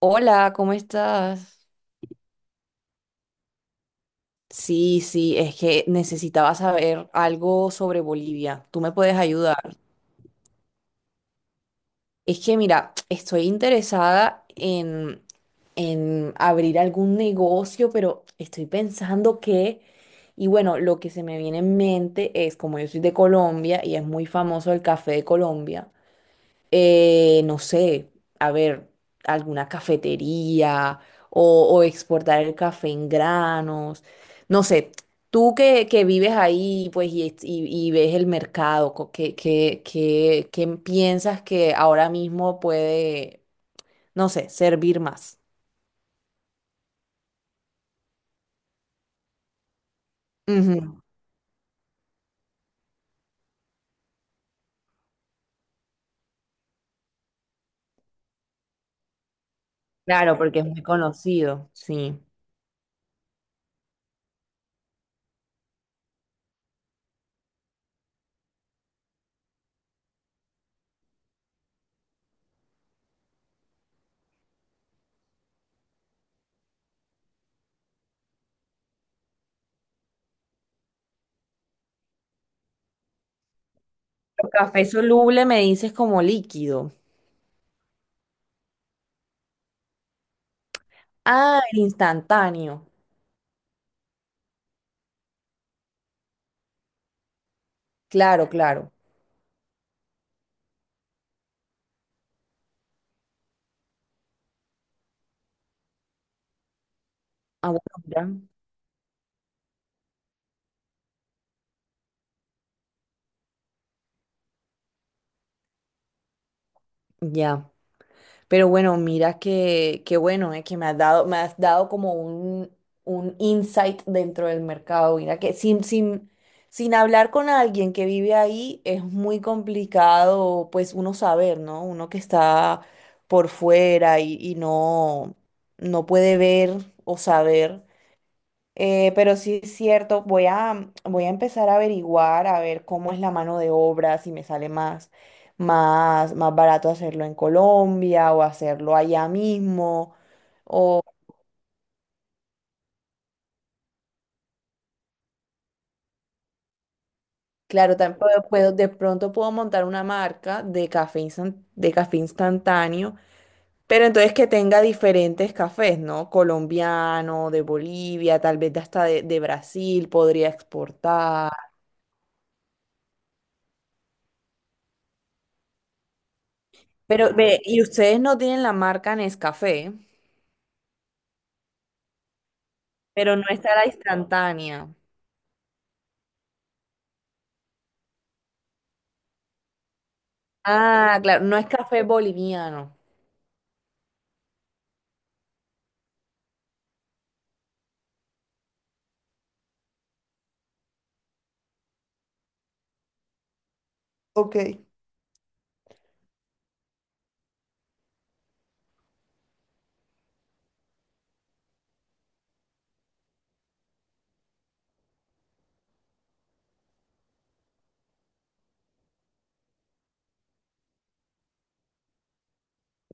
Hola, ¿cómo estás? Sí, sí, es que necesitaba saber algo sobre Bolivia. ¿Tú me puedes ayudar? Es que mira, estoy interesada en abrir algún negocio, pero estoy pensando que, y bueno, lo que se me viene en mente es, como yo soy de Colombia y es muy famoso el café de Colombia, no sé, a ver, alguna cafetería o, exportar el café en granos, no sé, tú que vives ahí pues y ves el mercado, ¿qué piensas que ahora mismo puede, no sé, ¿servir más? Ujú, claro, porque es muy conocido, sí. El café soluble me dices como líquido. Ah, el instantáneo. Claro, claro. Ah, bueno, mira, ya. Pero bueno, mira que, bueno, que me has dado como un, insight dentro del mercado. Mira que sin hablar con alguien que vive ahí es muy complicado, pues uno saber, ¿no? Uno que está por fuera y, no puede ver o saber. Pero sí es cierto, voy a empezar a averiguar, a ver cómo es la mano de obra, si me sale más barato hacerlo en Colombia o hacerlo allá mismo. Claro, también de pronto puedo montar una marca de café, de café instantáneo, pero entonces que tenga diferentes cafés, ¿no? Colombiano, de Bolivia, tal vez de hasta de Brasil podría exportar. Pero ve, ¿y ustedes no tienen la marca Nescafé? Pero no está la instantánea. Ah, claro, no es café boliviano. Ok,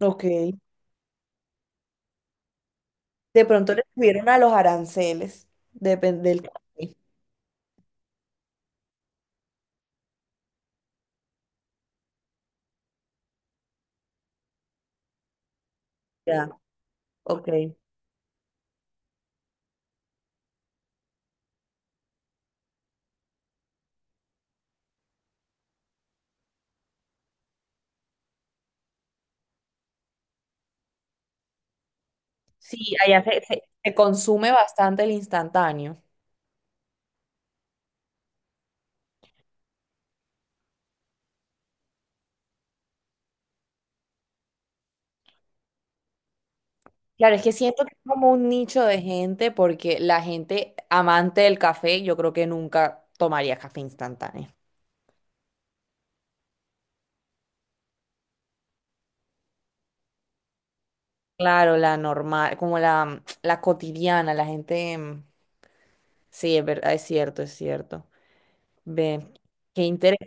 ok. De pronto le subieron a los aranceles, depende del café. Ya, ok. Sí, allá se consume bastante el instantáneo. Claro, es que siento que es como un nicho de gente porque la gente amante del café, yo creo que nunca tomaría café instantáneo. Claro, la normal, como la, cotidiana, la gente. Sí, es verdad, es cierto, es cierto. Ve, qué interés.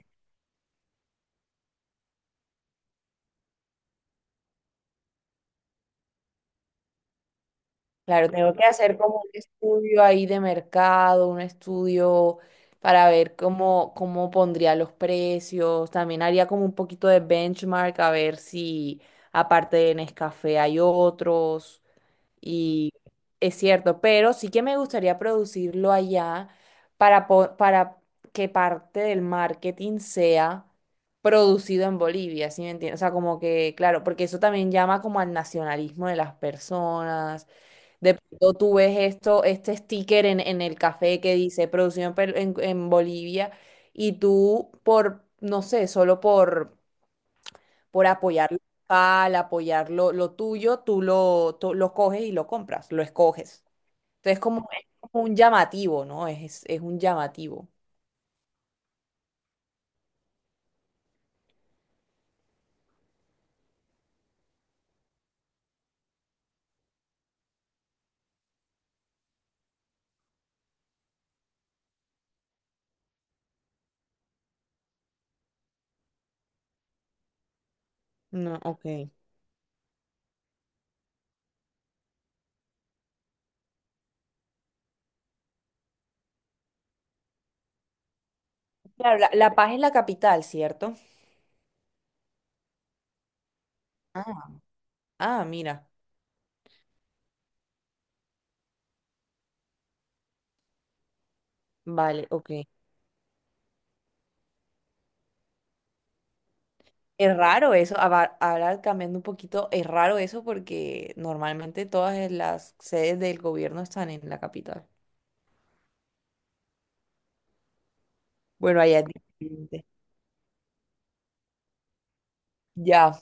Claro, tengo que hacer como un estudio ahí de mercado, un estudio para ver cómo pondría los precios. También haría como un poquito de benchmark a ver si aparte de Nescafé hay otros. Y es cierto, pero sí que me gustaría producirlo allá para que parte del marketing sea producido en Bolivia, ¿sí me entiendes? O sea, como que, claro, porque eso también llama como al nacionalismo de las personas. De pronto tú ves esto, este sticker en, el café que dice producido en, en Bolivia y tú por, no sé, solo por apoyar lo local, apoyar lo, tuyo, tú lo coges y lo compras, lo escoges. Entonces, como, es como un llamativo, ¿no? Es un llamativo. No, ok. Claro, La Paz es la capital, ¿cierto? Ah, ah, mira. Vale, ok. Es raro eso, ahora cambiando un poquito, es raro eso porque normalmente todas las sedes del gobierno están en la capital. Bueno, allá es diferente. Ya.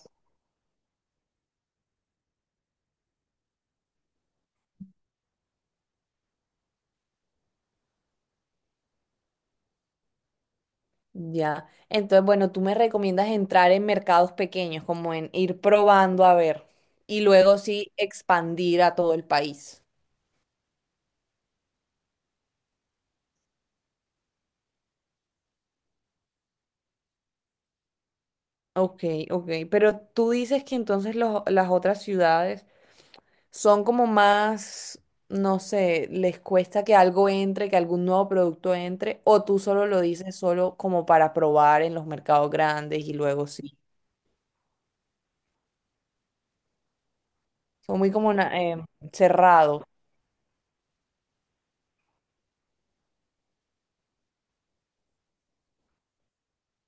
Ya. Entonces, bueno, tú me recomiendas entrar en mercados pequeños, como en ir probando a ver, y luego sí expandir a todo el país. Ok, ok. Pero tú dices que entonces las otras ciudades son como más, no sé, les cuesta que algo entre, que algún nuevo producto entre, o tú solo lo dices solo como para probar en los mercados grandes y luego sí. Son muy como cerrados.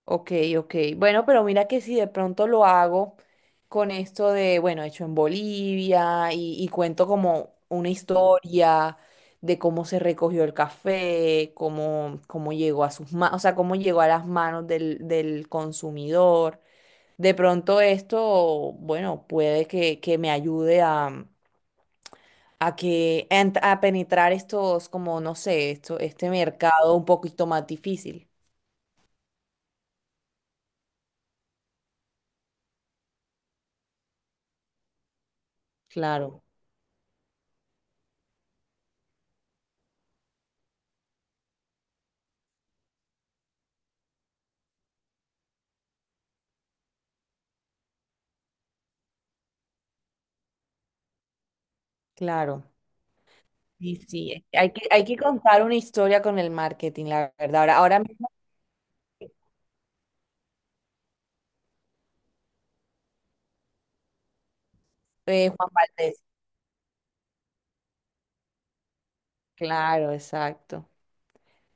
Ok, ok. Bueno, pero mira que si de pronto lo hago con esto de, bueno, hecho en Bolivia y, cuento como una historia de cómo se recogió el café, cómo llegó a sus manos, o sea, cómo llegó a las manos del, consumidor. De pronto esto, bueno, puede que me ayude a a penetrar estos, como no sé, esto, este mercado un poquito más difícil. Claro, claro. Sí, sí, hay que contar una historia con el marketing, la verdad. Ahora, ahora mismo, Juan Valdés. Claro, exacto,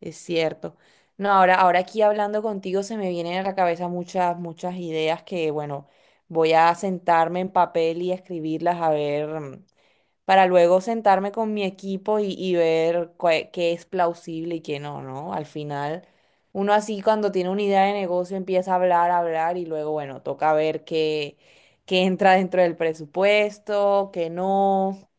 es cierto. No, ahora aquí hablando contigo se me vienen a la cabeza muchas, muchas ideas que, bueno, voy a sentarme en papel y escribirlas a ver. Para luego sentarme con mi equipo y, ver qué es plausible y qué no, ¿no? Al final, uno así cuando tiene una idea de negocio empieza a hablar y luego, bueno, toca ver qué entra dentro del presupuesto, qué no.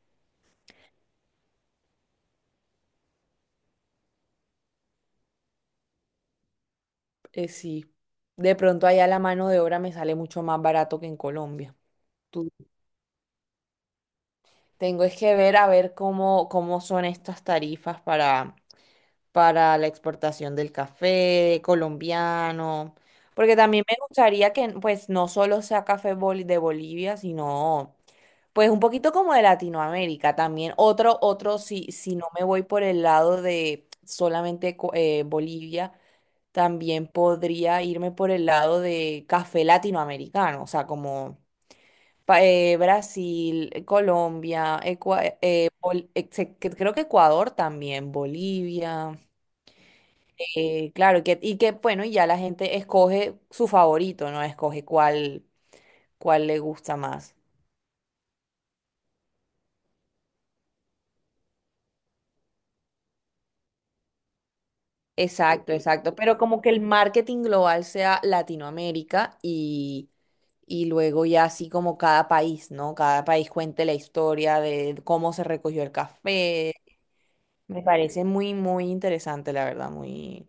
Sí, de pronto allá la mano de obra me sale mucho más barato que en Colombia. Tú- Tengo es que ver a ver cómo son estas tarifas para la exportación del café colombiano, porque también me gustaría que pues no solo sea café de Bolivia, sino pues un poquito como de Latinoamérica también. Otro, si no me voy por el lado de solamente Bolivia, también podría irme por el lado de café latinoamericano, o sea, como Brasil, Colombia, creo que Ecuador también, Bolivia. Claro, que, y que bueno, y ya la gente escoge su favorito, ¿no? Escoge cuál, le gusta más. Exacto, exacto. Pero como que el marketing global sea Latinoamérica y luego ya así como cada país, ¿no? Cada país cuente la historia de cómo se recogió el café. Me parece muy, muy interesante, la verdad, muy.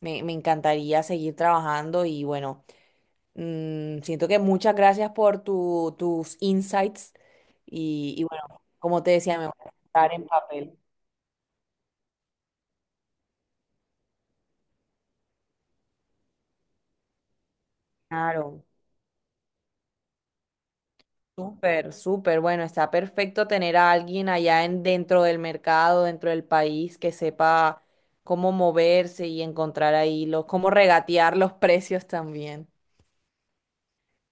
Me encantaría seguir trabajando y bueno, siento que muchas gracias por tus insights y bueno, como te decía, me voy a estar en papel. Claro, súper, súper. Bueno, está perfecto tener a alguien allá dentro del mercado, dentro del país, que sepa cómo moverse y encontrar ahí los, cómo regatear los precios también.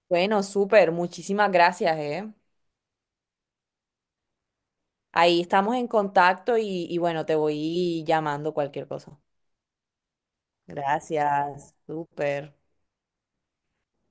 Bueno, súper, muchísimas gracias, ¿eh? Ahí estamos en contacto y, bueno, te voy llamando cualquier cosa. Gracias, súper.